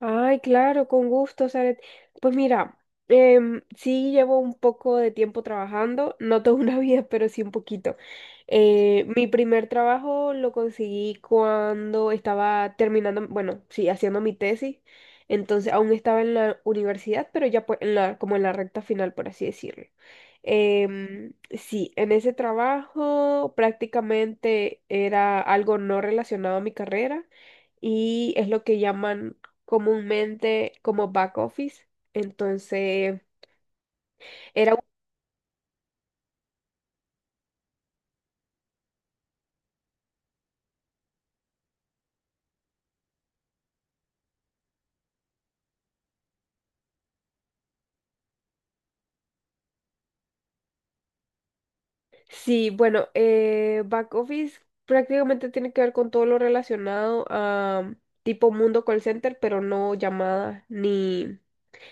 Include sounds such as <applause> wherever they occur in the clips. Ay, claro, con gusto, Saret. Pues mira, sí llevo un poco de tiempo trabajando, no toda una <laughs> vida, pero sí un poquito. Mi primer trabajo lo conseguí cuando estaba terminando, bueno, sí, haciendo mi tesis. Entonces aún estaba en la universidad, pero ya pues, como en la recta final, por así decirlo. Sí, en ese trabajo prácticamente era algo no relacionado a mi carrera y es lo que llaman comúnmente como back office. Entonces, era, un- sí, bueno, back office prácticamente tiene que ver con todo lo relacionado a tipo mundo call center, pero no llamadas ni,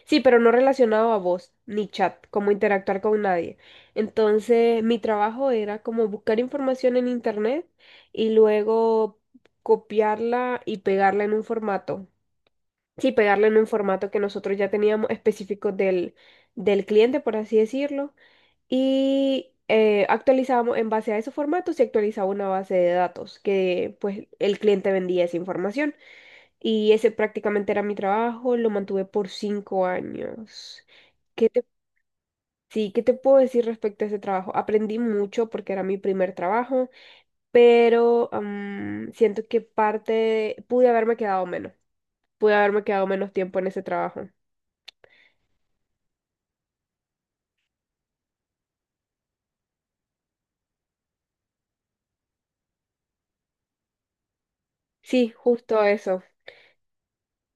sí, pero no relacionado a voz ni chat, como interactuar con nadie. Entonces, mi trabajo era como buscar información en internet y luego copiarla y pegarla en un formato. Sí, pegarlo en un formato que nosotros ya teníamos específico del cliente, por así decirlo, y actualizábamos en base a esos formatos y actualizaba una base de datos que pues el cliente vendía esa información. Y ese prácticamente era mi trabajo, lo mantuve por cinco años. ¿Qué te, sí, ¿qué te puedo decir respecto a ese trabajo? Aprendí mucho porque era mi primer trabajo, pero siento que pude haberme quedado menos, pude haberme quedado menos tiempo en ese trabajo. Sí, justo eso.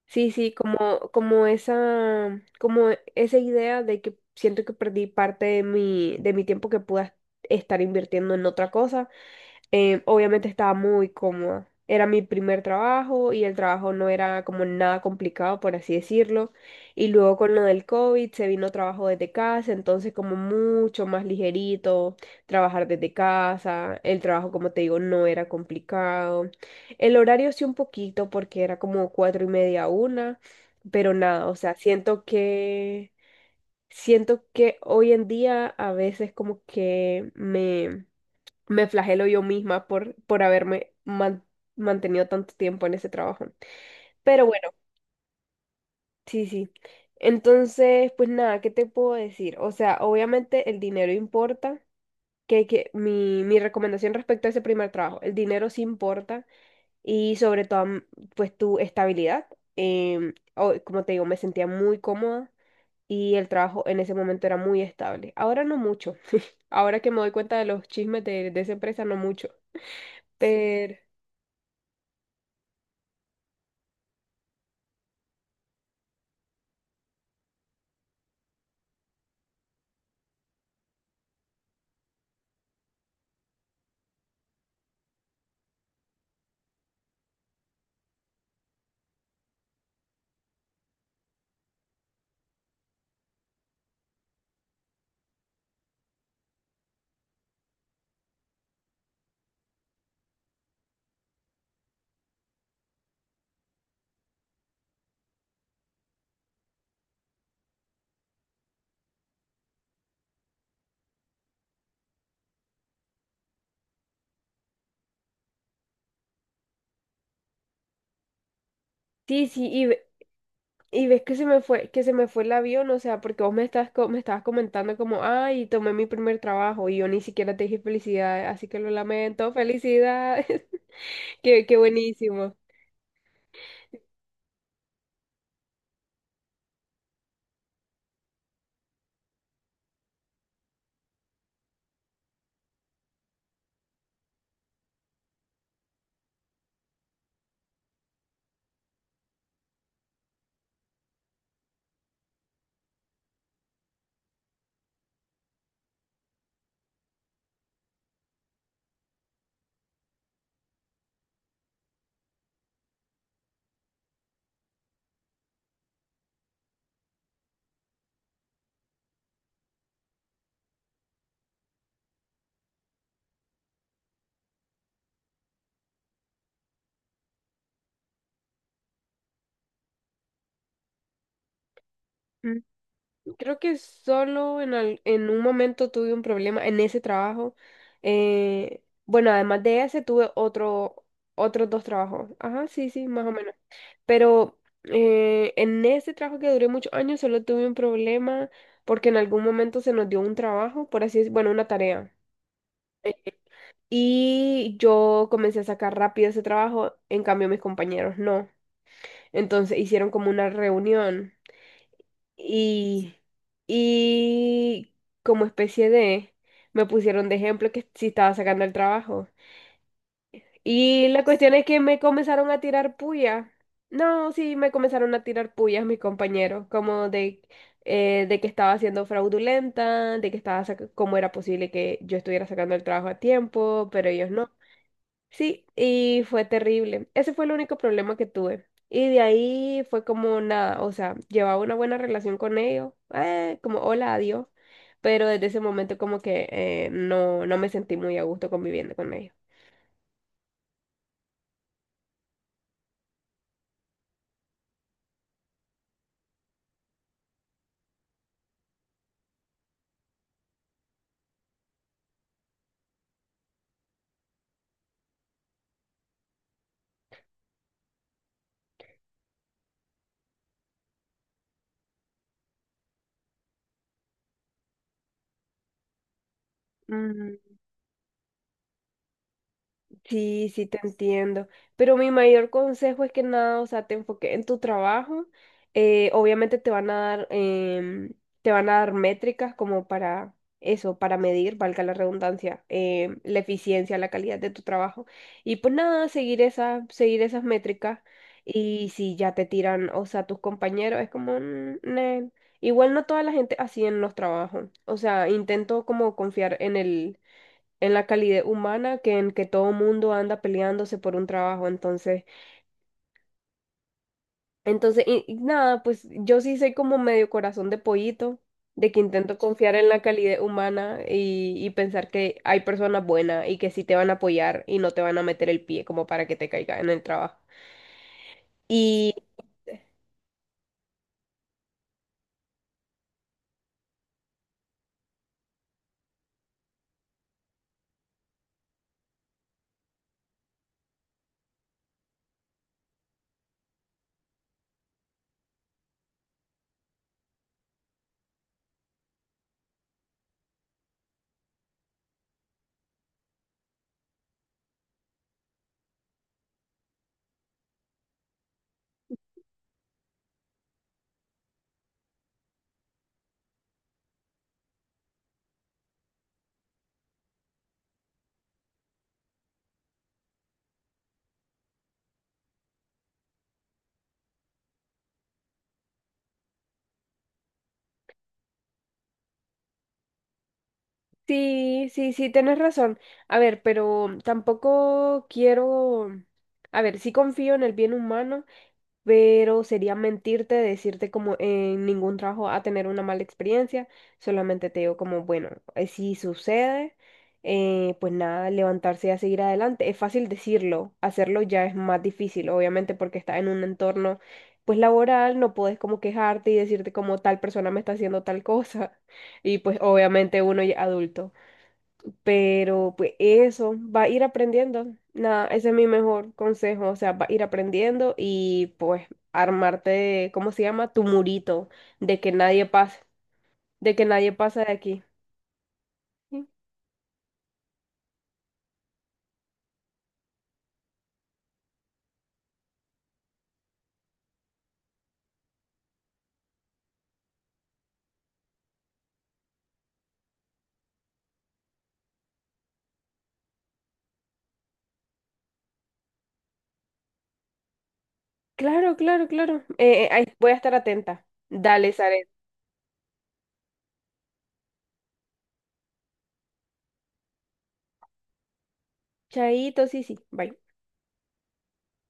Sí, sí, como esa idea de que siento que perdí parte de mi tiempo que pude estar invirtiendo en otra cosa. Obviamente estaba muy cómoda. Era mi primer trabajo y el trabajo no era como nada complicado, por así decirlo. Y luego con lo del COVID se vino trabajo desde casa, entonces como mucho más ligerito, trabajar desde casa. El trabajo, como te digo, no era complicado. El horario sí un poquito porque era como cuatro y media a una, pero nada, o sea, siento que hoy en día a veces como que me flagelo yo misma por mantenido tanto tiempo en ese trabajo. Pero bueno, sí, sí. Entonces, pues nada, ¿qué te puedo decir? O sea, obviamente el dinero importa. Mi recomendación respecto a ese primer trabajo, el dinero sí importa y sobre todo, pues tu estabilidad. Como te digo, me sentía muy cómoda y el trabajo en ese momento era muy estable. Ahora no mucho. <laughs> Ahora que me doy cuenta de los chismes de esa empresa, no mucho. Pero... Sí, sí, y ves que se me fue, que se me fue el avión, o sea, porque vos me estabas comentando como, ay, tomé mi primer trabajo y yo ni siquiera te dije felicidades, así que lo lamento, felicidades, <laughs> qué buenísimo. Mm, Creo que solo en un momento tuve un problema en ese trabajo. Bueno, además de ese tuve otros dos trabajos. Ajá, sí, sí, más o menos. Pero en ese trabajo que duré muchos años solo tuve un problema porque en algún momento se nos dio un trabajo, por así decirlo, bueno, una tarea. Eh, Y yo comencé a sacar rápido ese trabajo, en cambio mis compañeros no. Entonces hicieron como una reunión y, y como especie de, me pusieron de ejemplo que si estaba sacando el trabajo. Y la cuestión es que me comenzaron a tirar puya. No, sí, me comenzaron a tirar puyas mis compañeros, como de que estaba siendo fraudulenta, de que cómo era posible que yo estuviera sacando el trabajo a tiempo, pero ellos no. Sí, y fue terrible. Ese fue el único problema que tuve. Y de ahí fue como nada, o sea, llevaba una buena relación con ellos, como hola, adiós, pero desde ese momento como que no, no me sentí muy a gusto conviviendo con ellos. Sí, sí, te entiendo. Pero mi mayor consejo es que nada, o sea, te enfoques en tu trabajo. Obviamente te van a dar, te van a dar métricas como para eso, para medir, valga la redundancia, la eficiencia, la calidad de tu trabajo. Y pues nada, seguir esas métricas. Y si ya te tiran, o sea, tus compañeros, es como, "Mm, nel". Igual no toda la gente así en los trabajos. O sea, intento como confiar en el en la calidez humana que en que todo mundo anda peleándose por un trabajo. Entonces, y nada, pues yo sí soy como medio corazón de pollito, de que intento confiar en la calidez humana y pensar que hay personas buenas y que sí te van a apoyar y no te van a meter el pie como para que te caiga en el trabajo. Y sí, sí, sí, tienes razón. A ver, pero tampoco quiero, a ver, sí confío en el bien humano, pero sería mentirte decirte como en ningún trabajo a tener una mala experiencia, solamente te digo como, bueno, si sucede, pues nada, levantarse y a seguir adelante. Es fácil decirlo, hacerlo ya es más difícil, obviamente porque estás en un entorno pues laboral, no puedes como quejarte y decirte como tal persona me está haciendo tal cosa, <laughs> y pues obviamente uno ya adulto. Pero pues eso, va a ir aprendiendo. Nada, ese es mi mejor consejo. O sea, va a ir aprendiendo y pues armarte, ¿cómo se llama? Tu murito de que nadie pase, de que nadie pasa de aquí. Sí. Claro, claro, claro. Ahí voy a estar atenta. Dale, Zaret. Chaito, sí, sí. Bye.